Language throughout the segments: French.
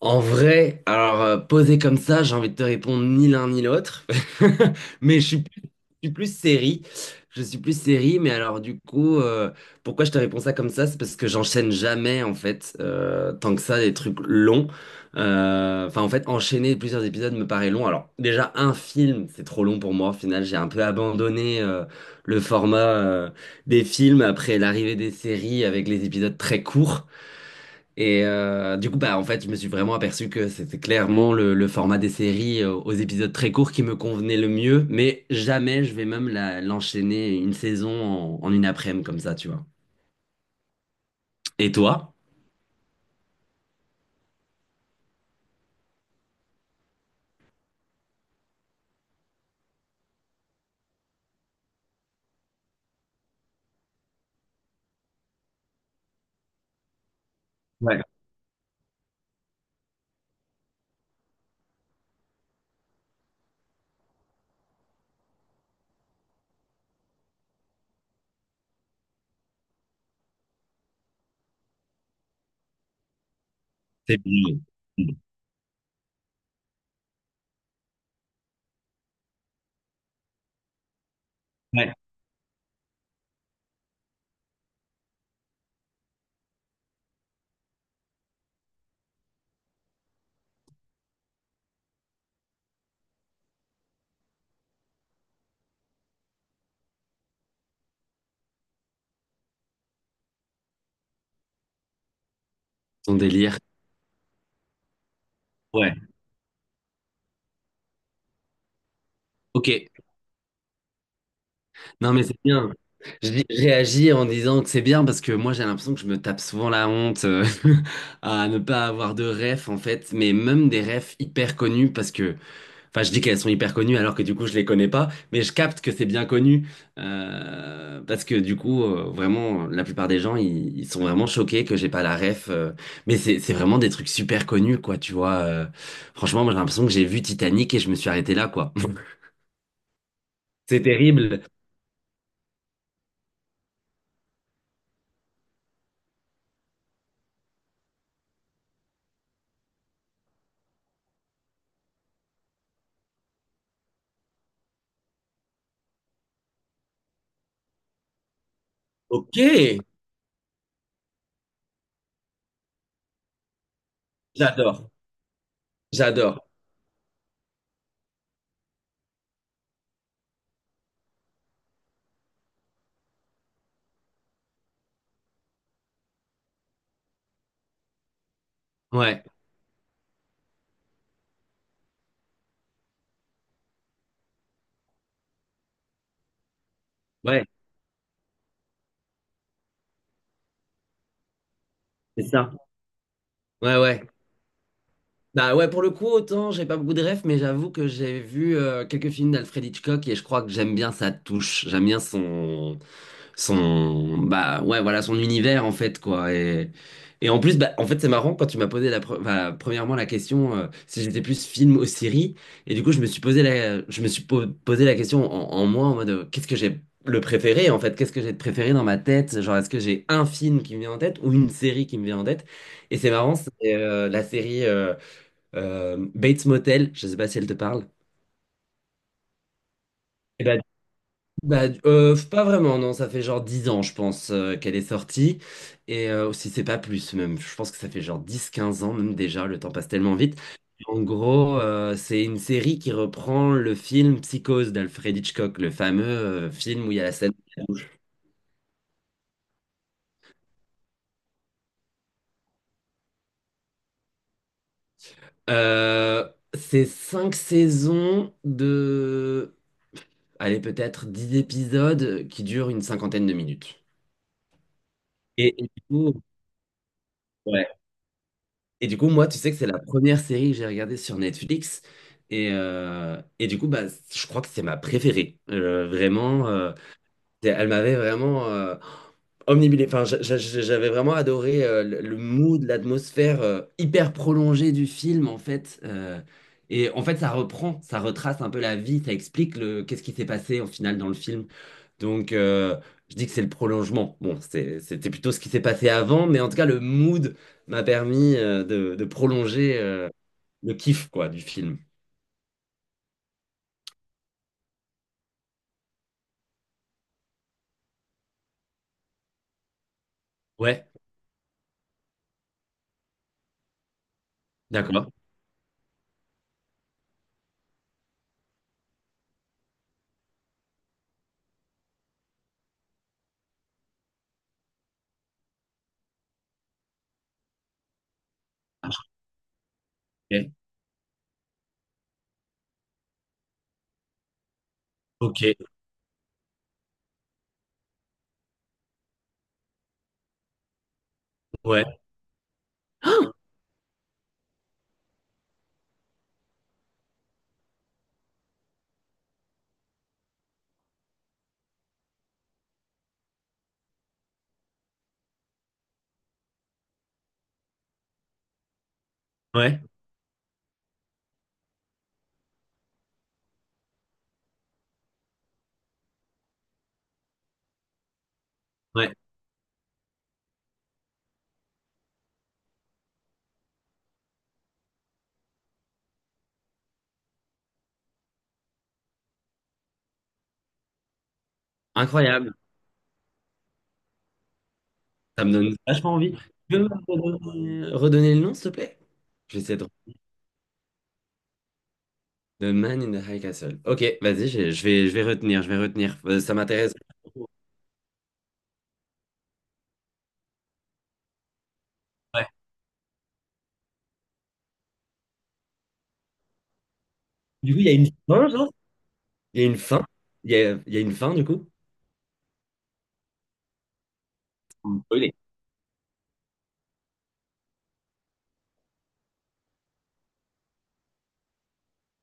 En vrai, alors posé comme ça, j'ai envie de te répondre ni l'un ni l'autre. Mais je suis plus série. Je suis plus série, mais alors du coup, pourquoi je te réponds ça comme ça? C'est parce que j'enchaîne jamais, en fait, tant que ça, des trucs longs. Enfin, en fait, enchaîner plusieurs épisodes me paraît long. Alors, déjà, un film, c'est trop long pour moi. Au final, j'ai un peu abandonné le format des films après l'arrivée des séries avec les épisodes très courts. Et du coup, bah, en fait, je me suis vraiment aperçu que c'était clairement le format des séries aux épisodes très courts qui me convenait le mieux, mais jamais je vais même l'enchaîner une saison en une après-midi comme ça, tu vois. Et toi? Ouais. C'est bien. Ouais. Ton délire. Ouais. OK. Non, mais c'est bien. Je réagis en disant que c'est bien parce que moi j'ai l'impression que je me tape souvent la honte, à ne pas avoir de ref en fait, mais même des refs hyper connus, parce que, enfin, je dis qu'elles sont hyper connues alors que du coup je les connais pas, mais je capte que c'est bien connu, parce que du coup, vraiment la plupart des gens ils sont vraiment choqués que j'ai pas la ref, mais c'est vraiment des trucs super connus, quoi, tu vois. Franchement, moi j'ai l'impression que j'ai vu Titanic et je me suis arrêté là, quoi. C'est terrible. OK, j'adore, j'adore. Ouais, ouais, c'est ça. Ouais, ouais. Bah ouais, pour le coup, autant j'ai pas beaucoup de rêves, mais j'avoue que j'ai vu quelques films d'Alfred Hitchcock, et je crois que j'aime bien sa touche, j'aime bien son, bah ouais, voilà, son univers, en fait, quoi. Et en plus, bah, en fait, c'est marrant quand tu m'as posé enfin, premièrement, la question, si j'étais plus film ou série. Et du coup, je me suis posé la je me suis po- posé la question, en moi, en mode, qu'est-ce que j'ai le préféré, en fait, qu'est-ce que j'ai de préféré dans ma tête, genre, est-ce que j'ai un film qui me vient en tête ou une série qui me vient en tête. Et c'est marrant, c'est la série, Bates Motel. Je sais pas si elle te parle. Bah, pas vraiment, non, ça fait genre 10 ans, je pense, qu'elle est sortie. Et si c'est pas plus, même, je pense que ça fait genre 10-15 ans, même déjà, le temps passe tellement vite. En gros, c'est une série qui reprend le film Psychose d'Alfred Hitchcock, le fameux film où il y a la scène. Euh, c'est 5 saisons de, allez, peut-être 10 épisodes qui durent une cinquantaine de minutes. Et du coup, ouais. Et du coup, moi, tu sais que c'est la première série que j'ai regardée sur Netflix. Et du coup, bah, je crois que c'est ma préférée. Vraiment, elle m'avait vraiment, omnibulé. Enfin, j'avais vraiment adoré, le mood, l'atmosphère, hyper prolongée du film, en fait. Et en fait, ça reprend, ça retrace un peu la vie, ça explique le qu'est-ce qui s'est passé au final dans le film. Donc, je dis que c'est le prolongement. Bon, c'était plutôt ce qui s'est passé avant, mais en tout cas, le mood m'a permis, de prolonger, le kiff, quoi, du film. Ouais, d'accord. Ah, OK, OK, ouais, ouais, ouais. Incroyable. Ça me donne vachement envie. Tu peux me redonner le nom, s'il te plaît? Je vais essayer de. The Man in the High Castle. OK, vas-y, je vais retenir, je vais retenir. Ça m'intéresse. Ouais. Du coup, il y a une fin, genre? Il y a une fin? Il y a une fin, du coup? Vous me.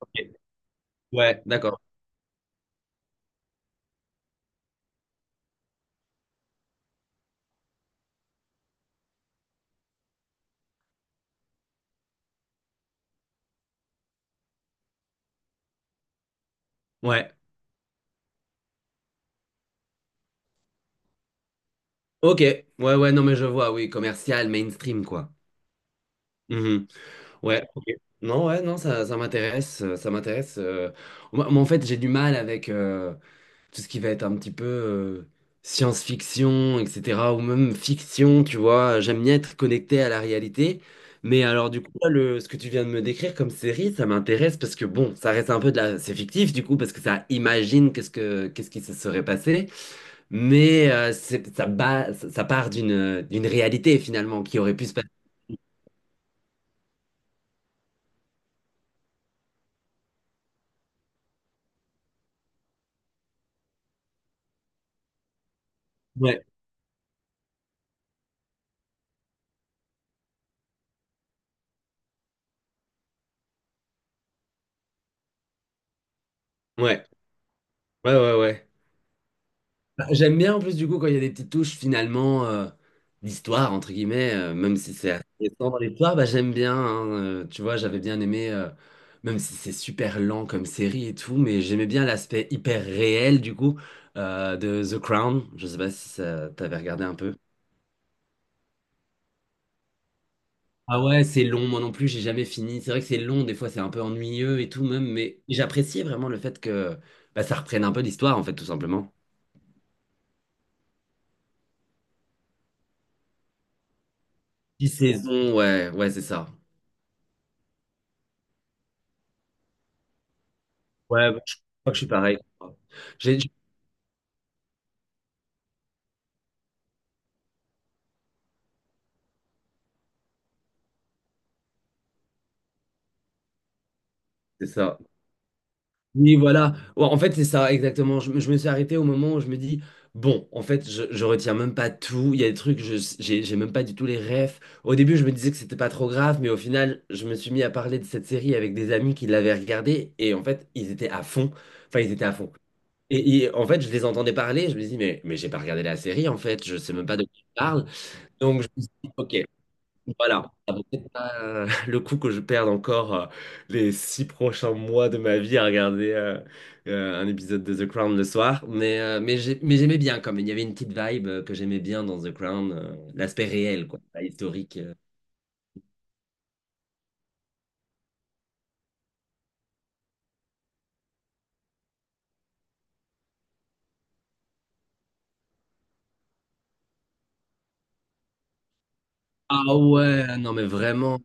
OK. Ouais, d'accord. Ouais. OK. Ouais, ouais, non, mais je vois, oui, commercial, mainstream, quoi. Mhm. Ouais, OK. Non, ouais, non, ça m'intéresse, ça m'intéresse. Moi, moi, en fait, j'ai du mal avec. Tout ce qui va être un petit peu science-fiction, etc., ou même fiction, tu vois. J'aime bien être connecté à la réalité. Mais alors, du coup, là, ce que tu viens de me décrire comme série, ça m'intéresse parce que, bon, ça reste un peu de la. C'est fictif, du coup, parce que ça imagine qu'est-ce qui se serait passé. Mais, ça, ça part d'une réalité, finalement, qui aurait pu se passer. Ouais, ouais, ouais, ouais, ouais. J'aime bien, en plus, du coup, quand il y a des petites touches, finalement, d'histoire entre guillemets, même si c'est assez récent dans l'histoire, bah, j'aime bien, hein, tu vois, j'avais bien aimé, même si c'est super lent comme série et tout, mais j'aimais bien l'aspect hyper réel, du coup, de The Crown. Je sais pas si ça t'avais regardé un peu. Ah ouais, c'est long, moi non plus, j'ai jamais fini. C'est vrai que c'est long, des fois c'est un peu ennuyeux et tout même, mais j'appréciais vraiment le fait que, bah, ça reprenne un peu l'histoire, en fait, tout simplement. 6 saisons, ouais, ouais, c'est ça. Ouais, bah, je crois que je suis pareil. J'ai dit, c'est ça. Oui, voilà. Ouais, en fait, c'est ça, exactement. Je me suis arrêté au moment où je me dis, bon, en fait, je retiens même pas tout. Il y a des trucs, j'ai même pas du tout les refs. Au début, je me disais que c'était pas trop grave, mais au final, je me suis mis à parler de cette série avec des amis qui l'avaient regardée, et en fait, ils étaient à fond. Enfin, ils étaient à fond. Et en fait, je les entendais parler, je me dis, mais j'ai pas regardé la série, en fait, je sais même pas de qui ils parlent. Donc, je me suis dit, OK, voilà, ça vaut peut-être pas, le coup que je perde encore, les 6 prochains mois de ma vie à regarder, un épisode de The Crown le soir, mais j'aimais bien quand même. Il y avait une petite vibe, que j'aimais bien dans The Crown, l'aspect réel, quoi, pas historique. Ah ouais, non mais vraiment.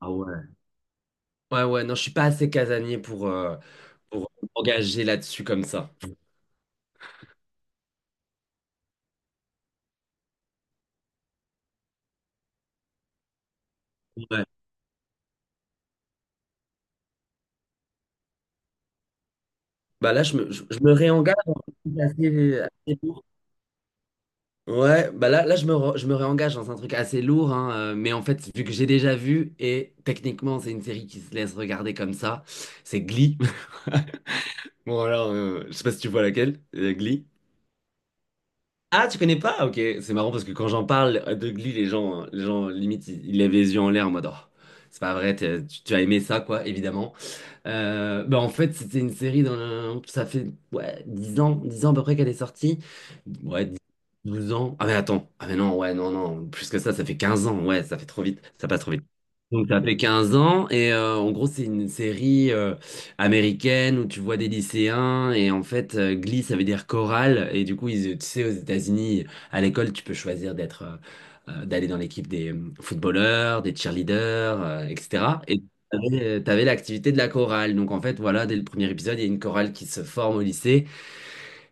Ah ouais. Ouais, ouais, non, je suis pas assez casanier pour m'engager là-dessus comme ça. Ouais. Bah là, je me réengage assez, assez vite. Ouais, bah là, là je me réengage dans un truc assez lourd, hein, mais en fait, vu que j'ai déjà vu, et techniquement, c'est une série qui se laisse regarder comme ça, c'est Glee. Bon, alors, je sais pas si tu vois laquelle, Glee. Ah, tu connais pas? OK, c'est marrant parce que quand j'en parle, de Glee, les gens limite, ils lèvent les yeux en l'air, en mode, oh, c'est pas vrai, tu as aimé ça, quoi, évidemment. Bah, en fait, c'était une série ça fait, ouais, 10 ans, 10 ans à peu près qu'elle est sortie. Ouais, 10, 12 ans. Ah mais attends, ah mais non, ouais, non, non, plus que ça fait 15 ans. Ouais, ça fait trop vite, ça passe trop vite. Donc, ça fait 15 ans. Et en gros, c'est une série américaine où tu vois des lycéens. Et en fait, Glee ça veut dire chorale, et du coup, tu sais, aux États-Unis, à l'école, tu peux choisir d'être, d'aller dans l'équipe des, footballeurs, des cheerleaders, etc. T'avais, avais l'activité de la chorale. Donc, en fait, voilà, dès le premier épisode, il y a une chorale qui se forme au lycée.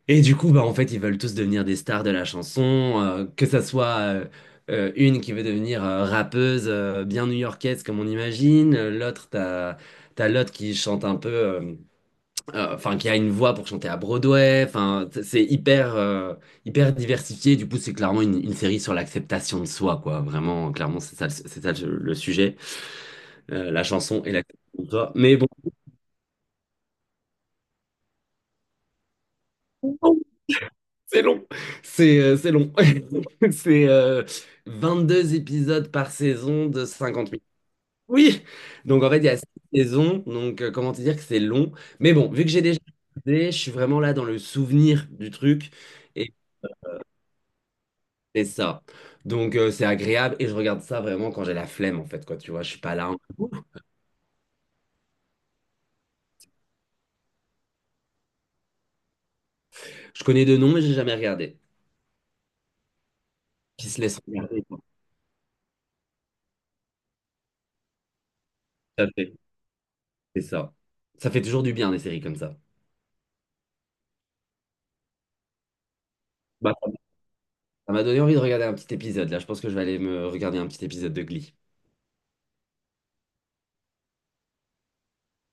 Et du coup, bah, en fait, ils veulent tous devenir des stars de la chanson, que ça soit, une qui veut devenir, rappeuse, bien new-yorkaise, comme on imagine. L'autre, t'as l'autre qui chante un peu, enfin, qui a une voix pour chanter à Broadway. Enfin, c'est hyper, hyper diversifié. Du coup, c'est clairement une série sur l'acceptation de soi, quoi. Vraiment, clairement, c'est ça, c'est ça, le sujet. La chanson et l'acceptation de soi. Mais bon. C'est long, c'est long. C'est 2 épisodes par saison de 50 minutes. Oui, donc en fait, il y a 6 saisons, donc comment te dire que c'est long. Mais bon, vu que j'ai déjà regardé, je suis vraiment là dans le souvenir du truc, et c'est ça. Donc, c'est agréable et je regarde ça vraiment quand j'ai la flemme, en fait, quoi. Tu vois, je suis pas là. Je connais de noms, mais j'ai jamais regardé. Qui se laisse regarder, quoi. Tout à fait, c'est ça. Ça fait toujours du bien, des séries comme ça. Bah, ça m'a donné envie de regarder un petit épisode là. Je pense que je vais aller me regarder un petit épisode de Glee.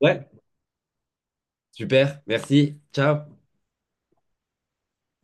Ouais. Super, merci, ciao.